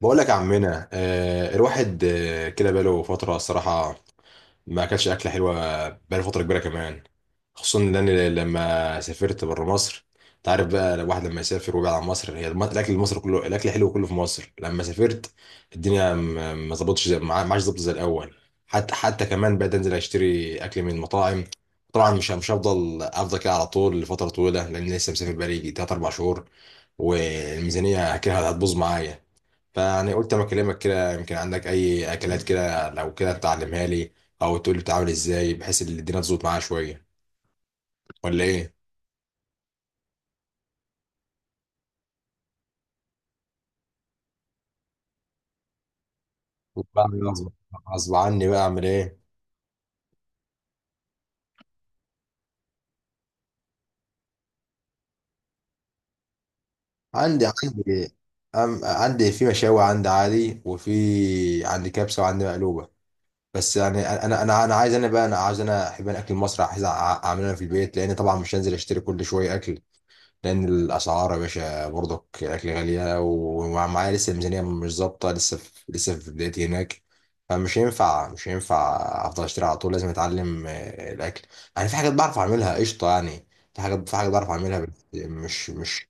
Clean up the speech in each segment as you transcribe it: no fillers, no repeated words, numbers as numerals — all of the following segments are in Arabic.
بقول لك يا عمنا الواحد، كده بقاله فترة الصراحة ما أكلش أكلة حلوة. بقاله فترة كبيرة كمان، خصوصا إن أنا لما سافرت بره مصر. أنت عارف بقى الواحد لما يسافر ويبعد عن مصر، هي الأكل المصري كله، الأكل حلو كله في مصر. لما سافرت الدنيا ما ظبطتش، ما عادش ظبط زي الأول. حتى كمان بقيت أنزل أشتري أكل من مطاعم. طبعا مش هفضل أفضل كده على طول لفترة طويلة، لأن لسه مسافر بقالي تلات أربع شهور، والميزانية كده هتبوظ معايا. فيعني قلت اما اكلمك كده يمكن عندك اي اكلات كده لو كده تعلمها لي، او تقول لي بتعمل ازاي بحيث ان الدنيا تظبط معايا شويه، ولا ايه؟ وبعمل غصب، غصب عني بقى اعمل ايه. عندي أم عندي في مشاوي عندي عادي، وفي عندي كبسه وعندي مقلوبه. بس يعني انا عايز، انا بقى انا عايز، انا احب، انا اكل مصر عايز اعمله انا في البيت، لان طبعا مش هنزل اشتري كل شويه اكل. لان الاسعار يا باشا برضك الاكل غاليه، ومعايا لسه الميزانيه مش ظابطه، لسه في، لسه في بدايتي هناك. فمش هينفع مش هينفع افضل اشتري على طول. لازم اتعلم الاكل، يعني في حاجات بعرف اعملها قشطه يعني. في حاجات، في حاجات بعرف اعملها بس مش.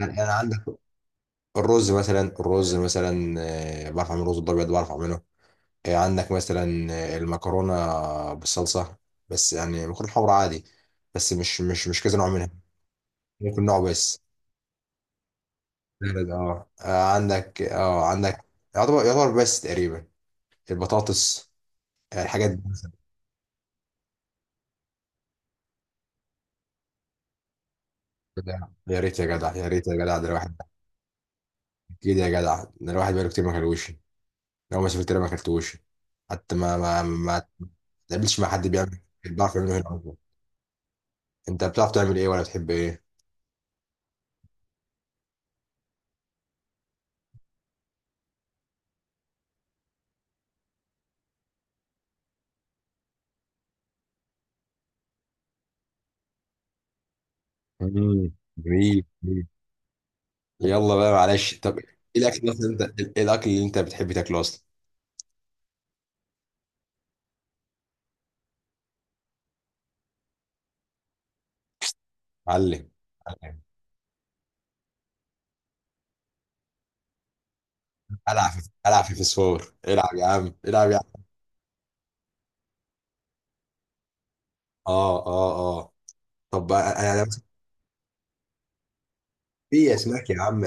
يعني انا عندك الرز مثلا، الرز مثلا بعرف اعمل رز الابيض، بعرف اعمله. عندك مثلا المكرونه بالصلصه، بس يعني مكرونه حمرا عادي، بس مش كذا نوع منها، ممكن نوع بس. بارد اه عندك اه عندك، يعتبر، يعتبر بس تقريبا البطاطس، الحاجات دي. جدع. يا ريت يا جدع، يا ريت يا جدع، ده الواحد اكيد يا جدع، ده الواحد بقاله كتير ما كلوش. لو ما سافرت هنا ما كلتوش. حتى ما تقابلش مع حد بيعمل، بيعرف يعمله هنا أصلاً. انت بتعرف تعمل ايه ولا بتحب ايه؟ مم. جميل جميل. يلا بقى معلش، طب ايه الاكل اللي انت، ايه الاكل اللي انت بتحب تاكله اصلا؟ علم، علم. العب في، العب في فسفور، العب يا عم، العب يا عم. اه اه اه. طب انا في اسماك يا عم،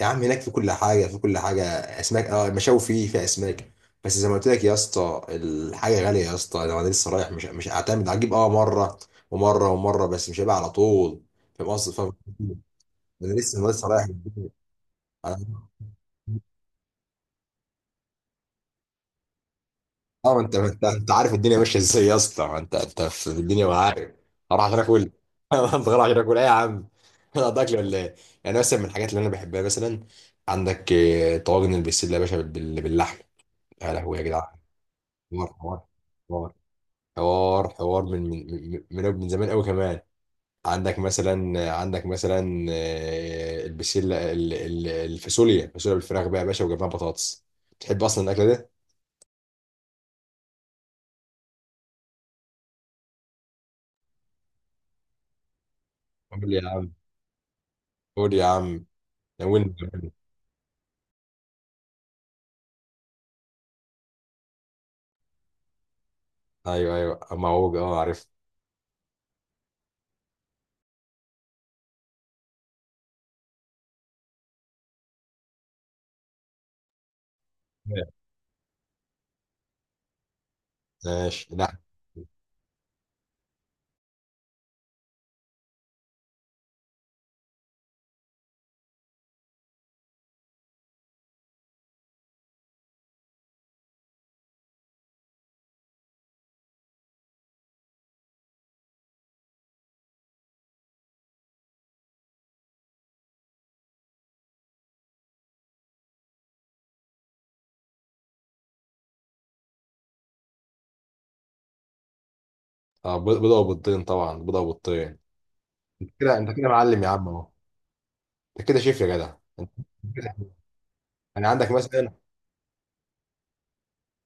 يا عم هناك في كل حاجه، في كل حاجه. اسماك، اه المشاوي فيه، في اسماك، بس زي ما قلت لك يا اسطى الحاجه غاليه يا اسطى. لو انا لسه رايح مش هعتمد، هجيب اه مره ومره ومره، بس مش هيبقى على طول. فاهم قصدي، فاهم قصدي؟ انا لسه، انا لسه رايح. اه ما انت، ما انت انت عارف الدنيا ماشيه ازاي يا اسطى، ما انت، انت في الدنيا وعارف. هروح عشان اكل. هروح عشان اكل ايه يا عم؟ انا قضيت اكل ولا ايه؟ يعني مثلا من الحاجات اللي انا بحبها مثلا، عندك طواجن البسله يا باشا باللحم، يا لهوي يا جدعان. حوار، حوار، حوار، حوار، حوار من من زمان قوي كمان. عندك مثلا، عندك مثلا البسله، الفاصوليا، الفاصوليا بالفراخ بقى يا باشا وجنبها بطاطس. تحب اصلا الاكله ده؟ قول يا عم، قول يا عم، ناولني. ايوه ايوه، معوج اه عرفت. ماشي لا. بيضه وبيضتين، طبعا بيضه وبيضتين. انت كده، انت كده معلم يا عم اهو، انت كده شيف يا جدع. انت كده، انا عندك مثلا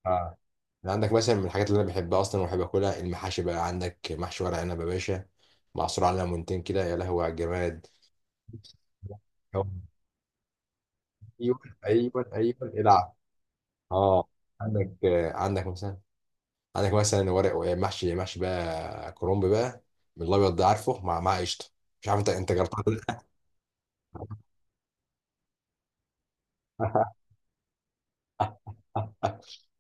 آه، انا عندك مثلا من الحاجات اللي انا بحبها اصلا وبحب اكلها المحاشي بقى. عندك محشي ورق عنب يا باشا، معصور على ليمونتين كده يا لهوي على الجماد. ايوه، ايوه ايوه العب، اه. عندك عندك مثلا، عندك مثلا ورق محشي، محشي بقى كرنب بقى، من الابيض ده عارفه، مع مع قشطه. مش عارف انت، انت جربتها ولا لأ.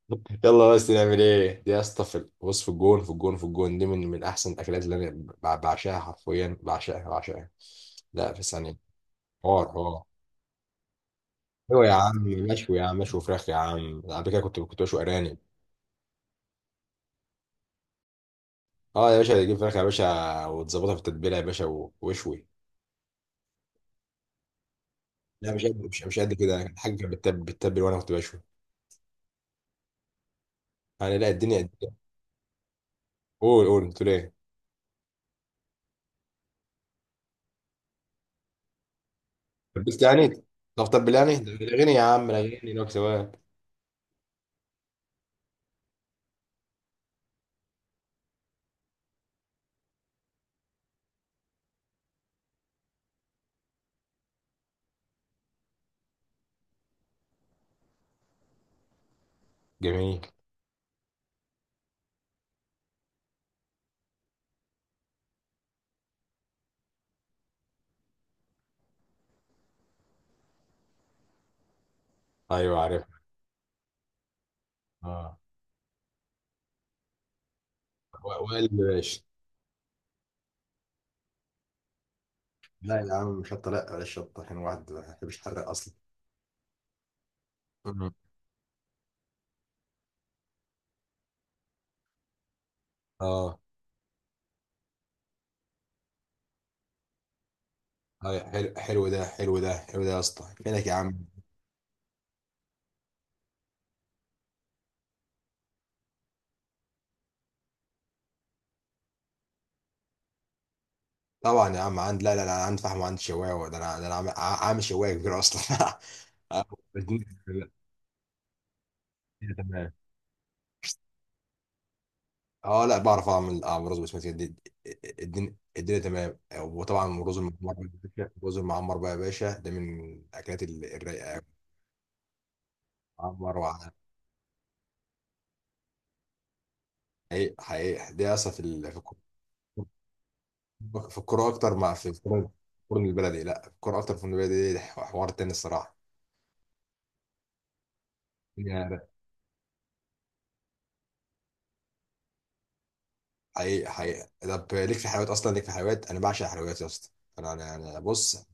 يلا بس نعمل ايه دي يا اسطى؟ في بص، في الجون، في الجون، في الجون دي من من احسن الاكلات اللي انا بعشقها، حرفيا بعشقها بعشقها. لا في ثانيه. حوار حوار. ايوه يا عم، مشوي يا عم، مشوي فراخ يا عم. قبل كده كنت بشوي ارانب. اه يا باشا، تجيب فراخ يا باشا وتظبطها في التتبيله يا باشا واشوي. لا، مش قد كده الحاجه، كانت بتتبل وانا كنت بشوي يعني. لا الدنيا. قول، قول، قلت له ايه؟ لبست يعني. طب يعني الاغاني يا عم، الاغاني لو سواد. جميل. ايوه عارف. اه، وائل باشا. لا يا عم، شطة لا، بلاش شطة، عشان الواحد ما بيحبش يحرق أصلا. مم. اه حلو، حلو ده، حلو ده، حلو ده يا اسطى، فينك يا عم. طبعا يا عم، عند لا لا لا، انا عندي فحم وعندي شوايه، ده انا، ده انا عامل، عامل شوايه كبيره اصلا. آه، لا، تمام. اه لا، بعرف اعمل، اعمل رز بسمتي الدنيا، الدنيا تمام. وطبعا الرز المعمر بقى يا الرز المعمر بقى يا باشا، ده من الاكلات الرايقه أوي. معمر وعلى. حقيقي حقيقي، دي اصلا في في الكوره، في الكوره اكتر مع في الفرن، الفرن البلدي. لا، في الكوره اكتر في الفرن البلدي، دي حوار تاني الصراحه. الدنيا رايقة. حقيقي حقيقي. طب ليك في حلويات اصلا؟ ليك في حلويات؟ انا بعشق الحلويات يا اسطى. انا انا أنا بص.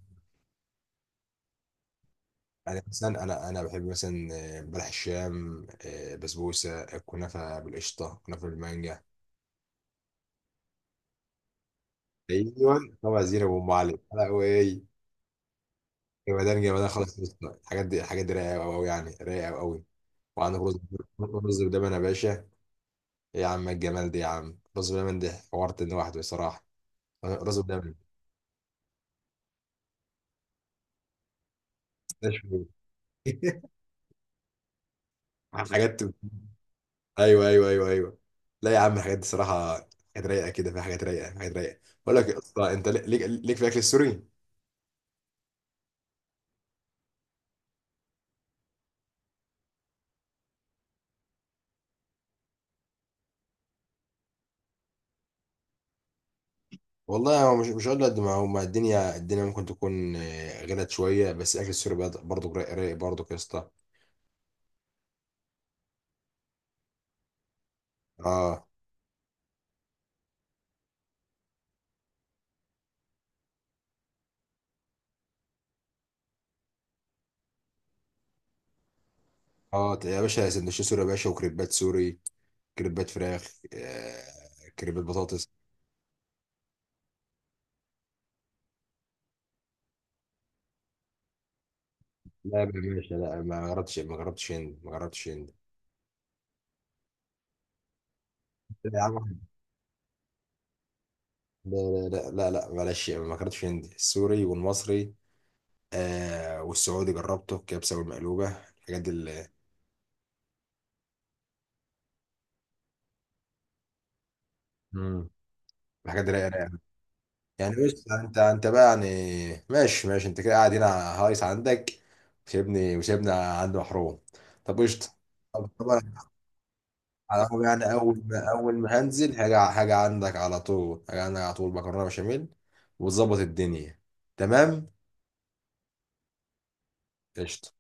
يعني مثلا انا بحب مثلا بلح الشام، بسبوسه، كنافه بالقشطه، كنافه بالمانجا. ايوه طبعا، زينب وام علي لا، وايه، جمدان جمدان خلاص. الحاجات دي، الحاجات دي رايقه قوي قوي، يعني رايقه قوي. وعندك رز، رز بلبن يا باشا. إيه يا عم الجمال ده يا عم، رز بلبن ده حوارت ان واحد بصراحه. رز بلبن ده شوي. حاجات. ايوه ايوه ايوه ايوه. لا يا عم الحاجات دي صراحه، حاجات رايقه كده، في حاجات رايقه، حاجات رايقه. بقول لك يا اسطى، انت ليك، ليك في الاكل السوري؟ والله هو مش هقول قد ما هو، ما الدنيا، الدنيا ممكن تكون غلت شويه، بس الاكل السوري برضه رايق، رايق برضه يا اسطى. اه. اه يا باشا، سندوتشات سوري يا باشا، وكريبات سوري، كريبات فراخ، آه، كريبات بطاطس. لا يا باشا لا، ما جربتش، ما جربتش هند، ما جربتش هند. لا يا عم. لا لا لا لا معلش، ما جربتش هند. السوري والمصري آه، والسعودي جربته، الكبسه والمقلوبه، الحاجات دي مم. الحاجات دي رايقه، رايقة. يعني بص انت، انت بقى يعني ماشي، ماشي، انت كده قاعد هنا هايص عندك، وسيبني، وسيبنا عند محروم. طب قشطة. طب طبعا، على العموم يعني اول ما، اول ما هنزل هاجي، هاجي عندك على طول، هاجي عندك على طول مكرونة بشاميل وتظبط الدنيا. تمام. قشطة.